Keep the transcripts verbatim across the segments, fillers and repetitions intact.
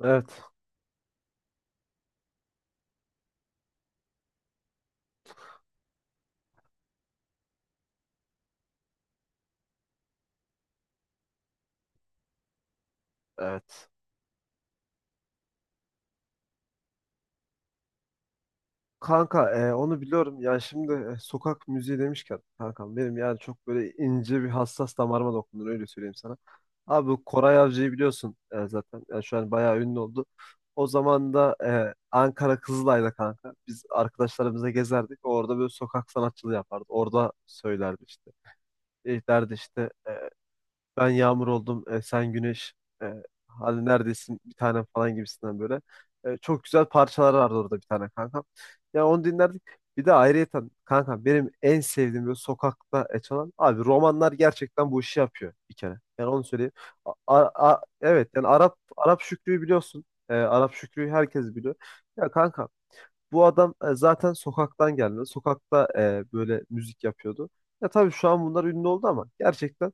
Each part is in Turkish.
Evet, evet. Kanka e, onu biliyorum. Yani şimdi e, sokak müziği demişken kankam benim, yani çok böyle ince bir hassas damarıma dokunur, öyle söyleyeyim sana. Abi bu Koray Avcı'yı biliyorsun e, zaten. Yani şu an bayağı ünlü oldu. O zaman da e, Ankara Kızılay'da kanka biz arkadaşlarımıza gezerdik. Orada böyle sokak sanatçılığı yapardı. Orada söylerdi işte. E, derdi işte, e, ben yağmur oldum, e, sen güneş, e, hadi neredesin bir tanem falan gibisinden böyle. E, çok güzel parçalar vardı orada bir tane kankam. Ya onu dinlerdik. Bir de ayrıyeten kankam benim en sevdiğim böyle sokakta e, çalan abi romanlar gerçekten bu işi yapıyor bir kere. Yani onu söyleyeyim. A- a- a- evet, yani Arap Arap Şükrü'yü biliyorsun. E, Arap Şükrü'yü herkes biliyor. Ya kanka, bu adam e, zaten sokaktan geldi. Sokakta e, böyle müzik yapıyordu. Ya tabii şu an bunlar ünlü oldu ama gerçekten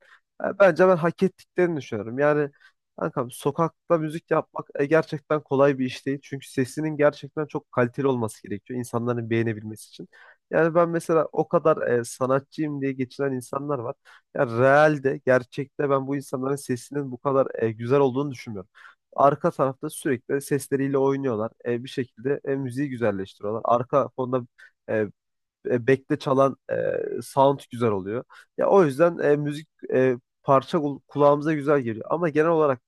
e, bence ben hak ettiklerini düşünüyorum. Yani kankam, sokakta müzik yapmak e, gerçekten kolay bir iş değil. Çünkü sesinin gerçekten çok kaliteli olması gerekiyor insanların beğenebilmesi için. Yani ben mesela, o kadar e, sanatçıyım diye geçinen insanlar var. Ya realde, gerçekte ben bu insanların sesinin bu kadar e, güzel olduğunu düşünmüyorum. Arka tarafta sürekli sesleriyle oynuyorlar. E, bir şekilde e, müziği güzelleştiriyorlar. Arka fonda e, e, bekle çalan e, sound güzel oluyor. Ya o yüzden e, müzik, e, parça kul- kulağımıza güzel geliyor. Ama genel olarak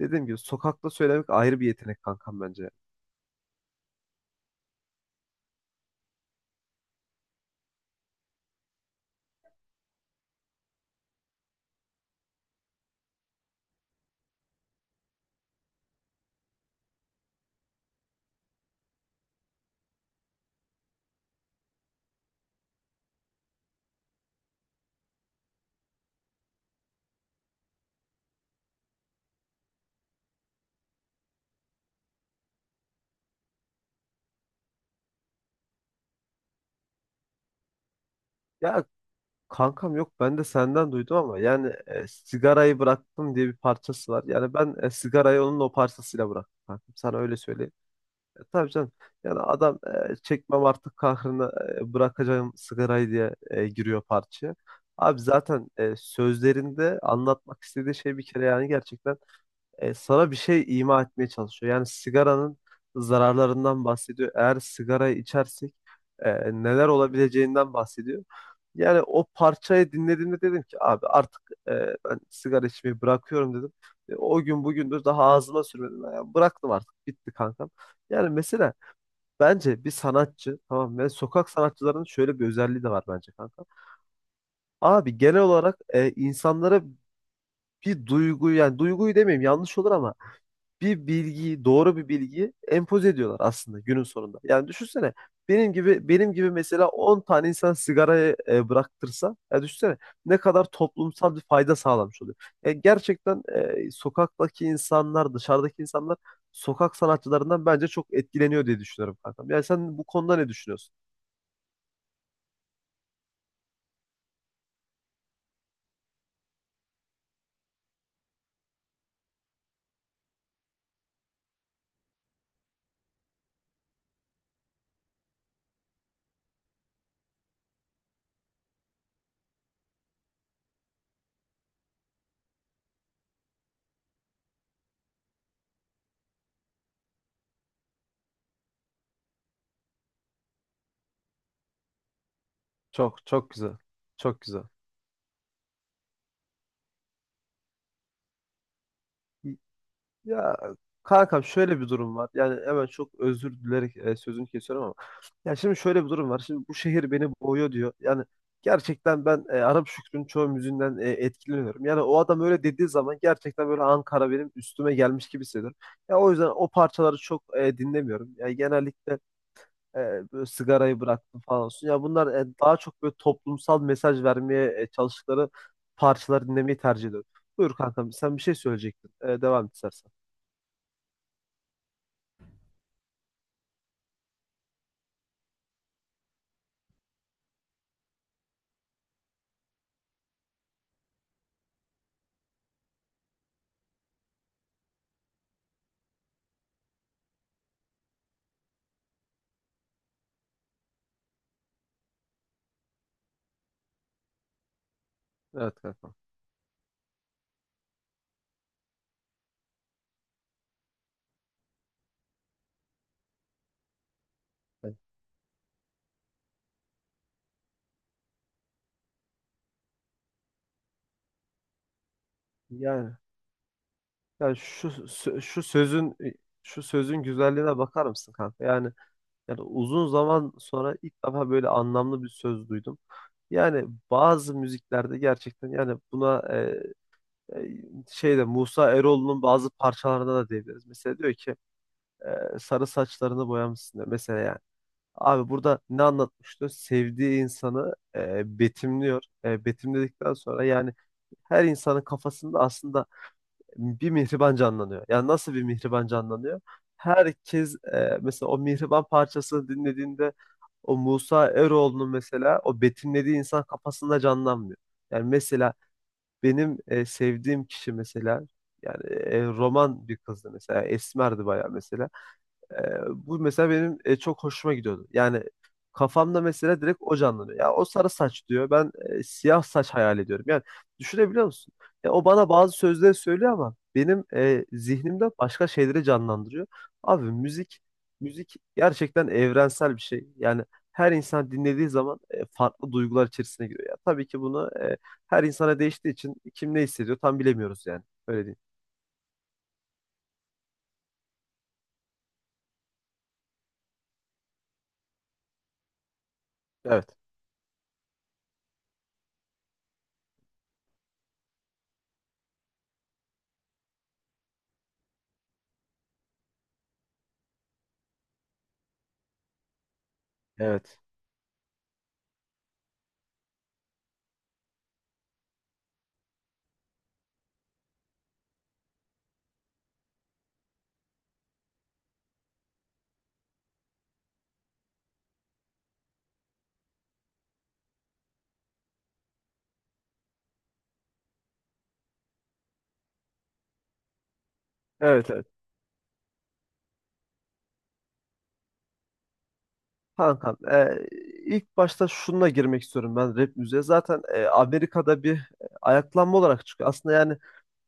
dediğim gibi sokakta söylemek ayrı bir yetenek kankam bence. Ya kankam, yok, ben de senden duydum ama yani e, sigarayı bıraktım diye bir parçası var. Yani ben e, sigarayı onun o parçasıyla bıraktım kankam. Sana öyle söyleyeyim. Tabii canım. Yani adam, e, çekmem artık kahrını, e, bırakacağım sigarayı diye e, giriyor parçaya. Abi zaten e, sözlerinde anlatmak istediği şey bir kere, yani gerçekten e, sana bir şey ima etmeye çalışıyor. Yani sigaranın zararlarından bahsediyor. Eğer sigarayı içersek e, neler olabileceğinden bahsediyor. Yani o parçayı dinlediğimde dedim ki abi artık e, ben sigara içmeyi bırakıyorum dedim. E, o gün bugündür daha ağzıma sürmedim. Yani bıraktım, artık bitti kankam. Yani mesela, bence bir sanatçı, tamam mı? Yani sokak sanatçılarının şöyle bir özelliği de var bence kanka. Abi genel olarak e, insanlara bir duyguyu, yani duyguyu demeyeyim yanlış olur ama bir bilgiyi, doğru bir bilgiyi empoze ediyorlar aslında günün sonunda. Yani düşünsene, benim gibi benim gibi mesela on tane insan sigarayı e, bıraktırsa, ya düşünsene ne kadar toplumsal bir fayda sağlamış oluyor. E, gerçekten e, sokaktaki insanlar, dışarıdaki insanlar sokak sanatçılarından bence çok etkileniyor diye düşünüyorum kankam. Yani sen bu konuda ne düşünüyorsun? Çok çok güzel. Çok güzel. Ya kankam, şöyle bir durum var. Yani hemen çok özür dilerek e, sözünü kesiyorum ama. Ya şimdi şöyle bir durum var. Şimdi bu şehir beni boğuyor diyor. Yani gerçekten ben e, Arap Şükrü'nün çoğu müziğinden e, etkileniyorum. Yani o adam öyle dediği zaman gerçekten böyle Ankara benim üstüme gelmiş gibi hissediyorum. Ya o yüzden o parçaları çok e, dinlemiyorum. Yani genellikle E, böyle sigarayı bıraktım falan olsun. Ya bunlar e, daha çok böyle toplumsal mesaj vermeye e, çalıştıkları parçaları dinlemeyi tercih ediyorum. Buyur kankam, sen bir şey söyleyecektin. E, devam et istersen. Evet kankam. Evet. Yani, yani şu sö- şu sözün, e, şu sözün güzelliğine bakar mısın kanka? Yani yani uzun zaman sonra ilk defa böyle anlamlı bir söz duydum. Yani bazı müziklerde gerçekten, yani buna e, e, şeyde Musa Eroğlu'nun bazı parçalarında da diyebiliriz. Mesela diyor ki, e, sarı saçlarını boyamışsın diyor. Mesela yani. Abi burada ne anlatmıştı? Sevdiği insanı e, betimliyor. E, betimledikten sonra yani her insanın kafasında aslında bir mihriban canlanıyor. Yani nasıl bir mihriban canlanıyor? Herkes, e, mesela o mihriban parçasını dinlediğinde o Musa Eroğlu'nun mesela o betimlediği insan kafasında canlanmıyor. Yani mesela benim e, sevdiğim kişi mesela, yani e, roman bir kızdı mesela, esmerdi bayağı mesela. Ee, bu mesela benim e, çok hoşuma gidiyordu. Yani kafamda mesela direkt o canlanıyor. Ya o sarı saç diyor. Ben e, siyah saç hayal ediyorum. Yani düşünebiliyor musun? Ya o bana bazı sözleri söylüyor ama benim e, zihnimde başka şeyleri canlandırıyor. Abi müzik müzik gerçekten evrensel bir şey. Yani her insan dinlediği zaman e, farklı duygular içerisine giriyor. Ya tabii ki bunu e, her insana değiştiği için kim ne hissediyor tam bilemiyoruz yani. Öyle değil. Evet. Evet. Evet, evet. Kankam, e, ilk başta şununla girmek istiyorum ben rap müziğe. Zaten e, Amerika'da bir e, ayaklanma olarak çıkıyor aslında. Yani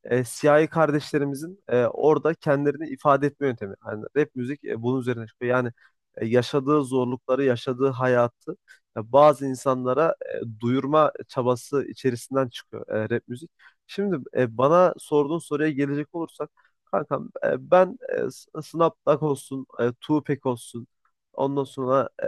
e, siyahi kardeşlerimizin e, orada kendilerini ifade etme yöntemi. Yani rap müzik e, bunun üzerine çıkıyor. Yani e, yaşadığı zorlukları, yaşadığı hayatı e, bazı insanlara e, duyurma çabası içerisinden çıkıyor e, rap müzik. Şimdi e, bana sorduğun soruya gelecek olursak, kankam e, ben e, Snapback olsun, e, Tupac olsun, ondan sonra e,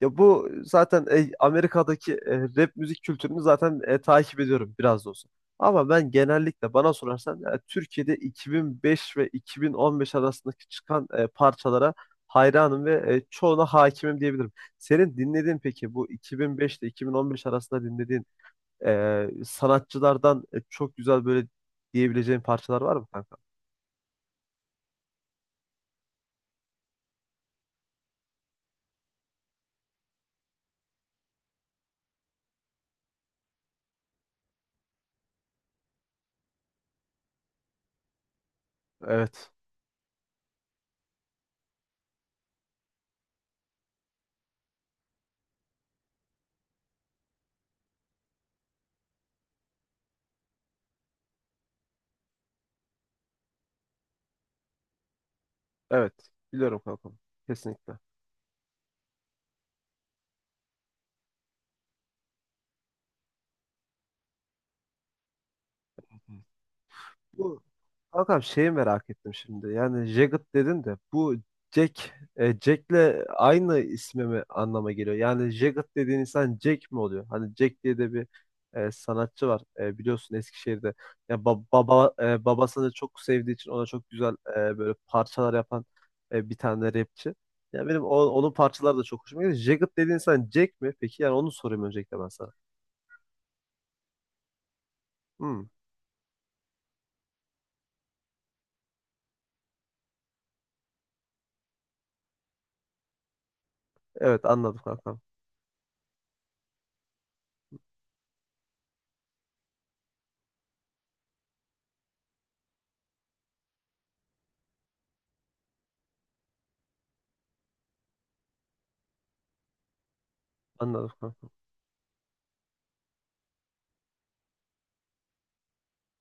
ya bu zaten e, Amerika'daki e, rap müzik kültürünü zaten e, takip ediyorum biraz da olsa. Ama ben genellikle, bana sorarsan, e, Türkiye'de iki bin beş ve iki bin on beş arasındaki çıkan e, parçalara hayranım ve e, çoğuna hakimim diyebilirim. Senin dinlediğin, peki bu iki bin beş ile iki bin on beş arasında dinlediğin e, sanatçılardan e, çok güzel böyle diyebileceğin parçalar var mı kanka? Evet. Evet. Biliyorum kanka. Kesinlikle. Bu kankam, şeyi merak ettim şimdi. Yani Jagged dedin de bu Jack, e, Jack'le aynı ismi mi anlama geliyor? Yani Jagged dediğin insan Jack mi oluyor? Hani Jack diye de bir e, sanatçı var. E, biliyorsun Eskişehir'de. Ya ba- baba, e, babasını çok sevdiği için ona çok güzel e, böyle parçalar yapan e, bir tane rapçi. Ya benim o- onun parçaları da çok hoşuma gidiyor. Jagged dediğin insan Jack mi? Peki yani onu sorayım öncelikle ben sana. Hmm, evet anladım kankam. Anladım kankam.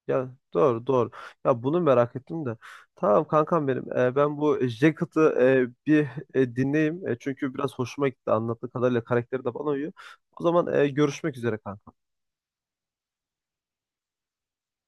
Ya doğru doğru. Ya bunu merak ettim de. Tamam kankam benim. Ee, ben bu Jacket'ı e, bir e, dinleyeyim. E, çünkü biraz hoşuma gitti. Anlattığı kadarıyla karakteri de bana uyuyor. O zaman e, görüşmek üzere kanka.